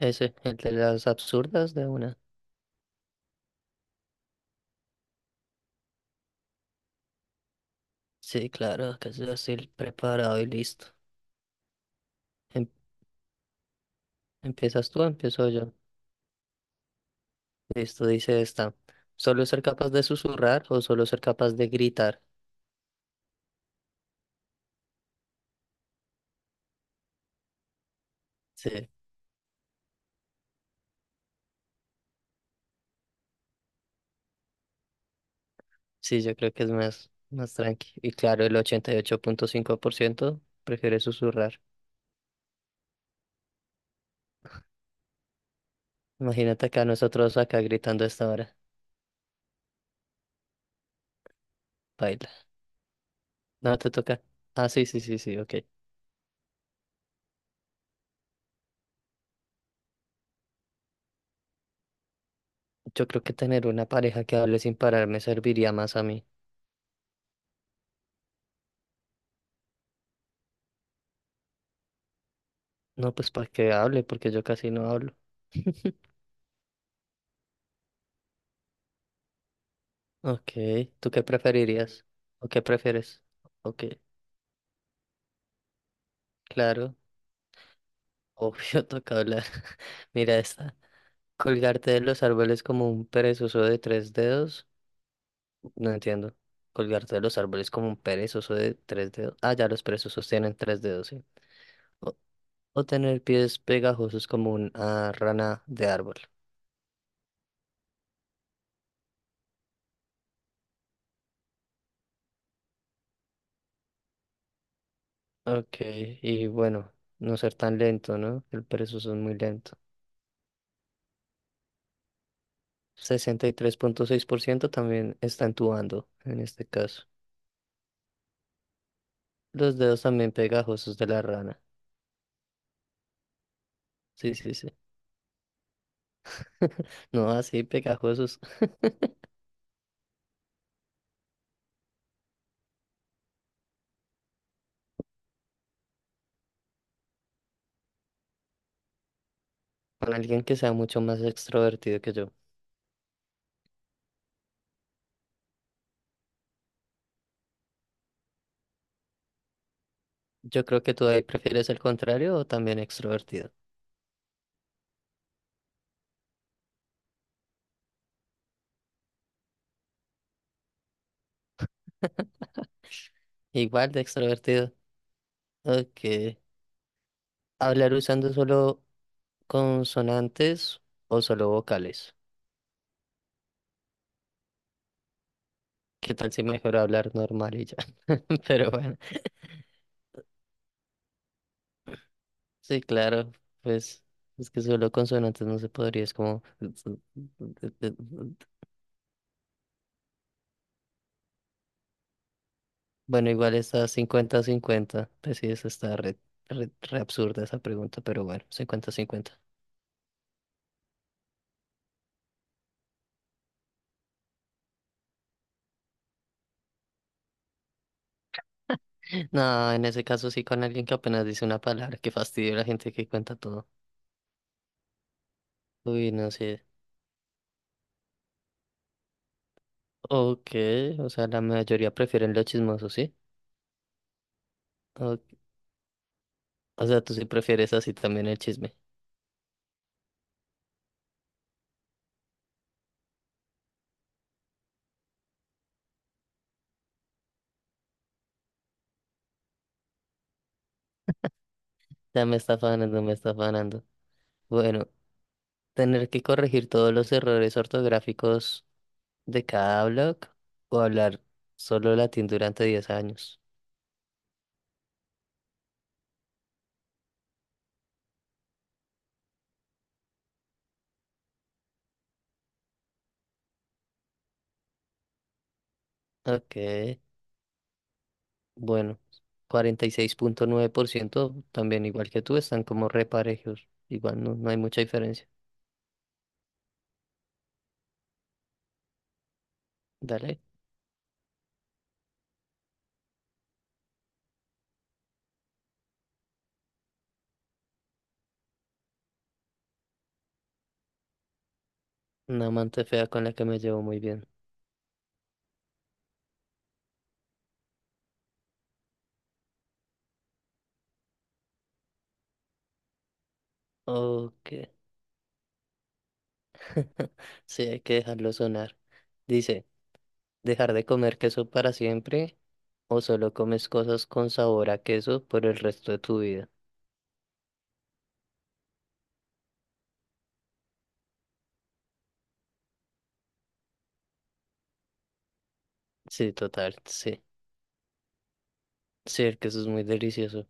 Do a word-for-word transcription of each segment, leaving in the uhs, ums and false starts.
Ese, el de las absurdas de una. Sí, claro, que es así el preparado y listo. Em- ¿Empiezas tú o empiezo yo? Listo, dice esta. ¿Solo ser capaz de susurrar o solo ser capaz de gritar? Sí, sí, yo creo que es más, más tranqui. Y claro, el ochenta y ocho punto cinco por ciento prefiere susurrar. Imagínate acá nosotros acá gritando a esta hora. Baila. No, te toca. Ah, sí, sí, sí, sí, ok. Yo creo que tener una pareja que hable sin parar me serviría más a mí. No, pues para que hable, porque yo casi no hablo. Ok, ¿tú qué preferirías? ¿O qué prefieres? Ok, claro, obvio toca hablar. Mira esta. Colgarte de los árboles como un perezoso de tres dedos. No entiendo. Colgarte de los árboles como un perezoso de tres dedos. Ah, ya los perezosos tienen tres dedos, sí. O, o tener pies pegajosos como una rana de árbol. Ok, y bueno, no ser tan lento, ¿no? El perezoso es muy lento. Sesenta y tres punto seis por ciento también está entubando en este caso. Los dedos también pegajosos de la rana. Sí, sí, sí. No, así pegajosos. Con alguien que sea mucho más extrovertido que yo. Yo creo que tú ahí prefieres el contrario o también extrovertido. Igual de extrovertido. Ok. Hablar usando solo consonantes o solo vocales. ¿Qué tal si mejor hablar normal y ya? Pero bueno. Sí, claro, pues es que solo consonantes no se podría, es como... Bueno, igual está cincuenta cincuenta pues sí, eso está re, re- re absurda esa pregunta, pero bueno, cincuenta cincuenta. No, en ese caso sí con alguien que apenas dice una palabra, que fastidio la gente que cuenta todo. Uy, no sé. Ok, o sea, la mayoría prefieren lo chismoso, ¿sí? O, o sea, tú sí prefieres así también el chisme. Ya me está afanando, me está afanando. Bueno, tener que corregir todos los errores ortográficos de cada blog o hablar solo latín durante diez años. Ok, bueno, cuarenta y seis punto nueve por ciento también igual que tú están como reparejos. Igual no, no hay mucha diferencia. Dale, una amante fea con la que me llevo muy bien. Ok, sí, hay que dejarlo sonar. Dice, dejar de comer queso para siempre o solo comes cosas con sabor a queso por el resto de tu vida. Sí, total, sí. Sí, el queso es muy delicioso.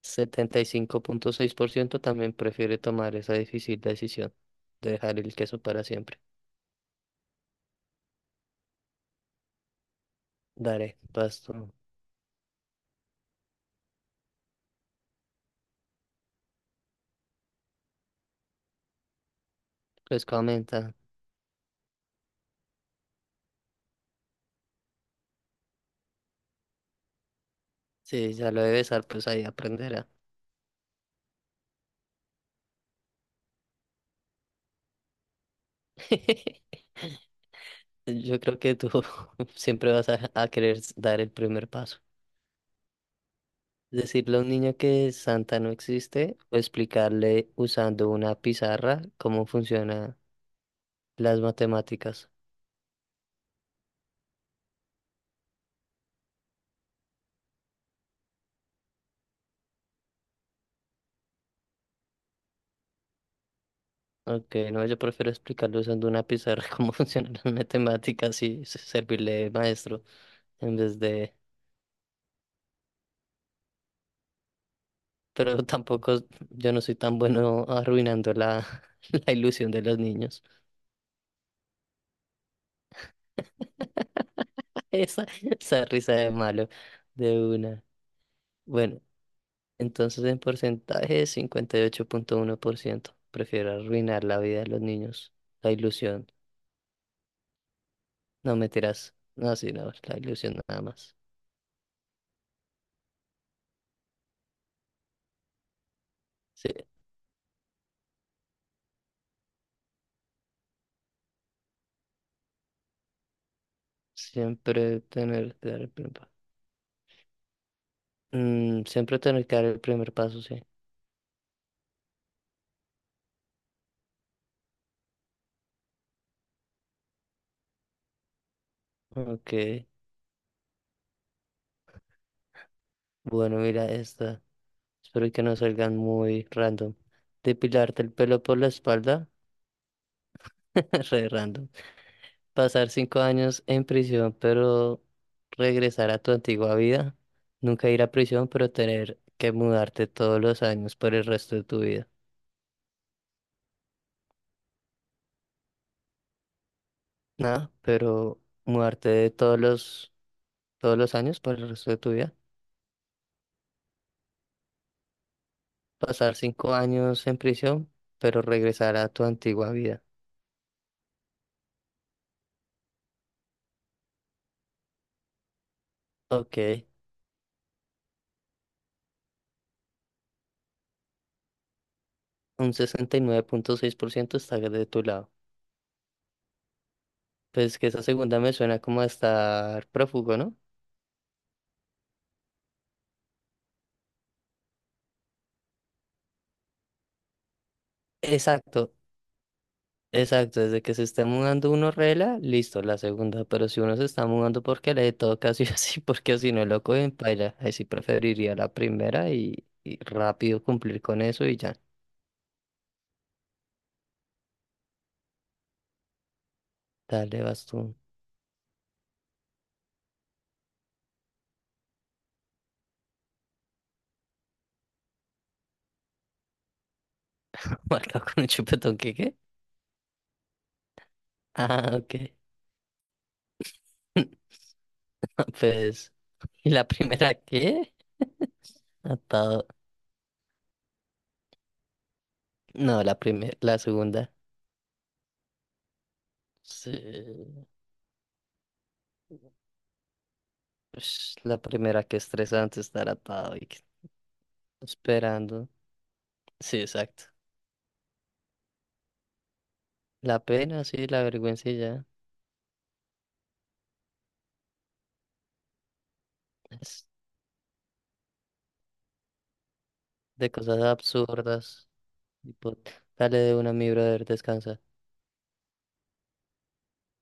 Setenta y cinco punto seis por ciento también prefiere tomar esa difícil decisión de dejar el queso para siempre. Daré, pasto. Pues comenta. Sí, ya lo de besar, pues ahí aprenderá. Yo creo que tú siempre vas a, a querer s- dar el primer paso. Decirle a un niño que Santa no existe o explicarle usando una pizarra cómo funcionan las matemáticas. Ok, no, yo prefiero explicarlo usando una pizarra cómo funciona la matemática, así se- servirle de maestro, en vez de... Pero tampoco, yo no soy tan bueno arruinando la, la ilusión de los niños. Esa, esa risa de malo, de una. Bueno, entonces en porcentaje cincuenta y ocho punto uno por ciento. Prefiero arruinar la vida de los niños, la ilusión. No, mentiras. No, sí, no, la ilusión nada más. Sí, siempre tener... Mm, siempre tener que dar el primer paso, sí. Ok, bueno, mira esta. Espero que no salgan muy random. Depilarte el pelo por la espalda, re random. Pasar cinco años en prisión, pero regresar a tu antigua vida. Nunca ir a prisión, pero tener que mudarte todos los años por el resto de tu vida. Nada, pero mudarte de todos los, todos los años por el resto de tu vida. Pasar cinco años en prisión, pero regresar a tu antigua vida. Ok. Un sesenta y nueve punto seis por ciento está de tu lado. Pues que esa segunda me suena como a estar prófugo, ¿no? Exacto, exacto. Desde que se está mudando uno rela, listo, la segunda. Pero si uno se está mudando porque le toca sí o sí, porque si no lo cogen, paila. Ahí sí preferiría la primera y, y rápido cumplir con eso y ya. Dale, vas tú. Marcado con un chupetón, ¿qué qué? Ah, ok. Pues, ¿y la primera qué? Atado. No, la primera, la segunda. Sí. Ush, la primera, que estresante estar atado y que- esperando. Sí, exacto. La pena, sí, la vergüenza y ya. Es de cosas absurdas. Tipo, dale de una, mi brother, descansa.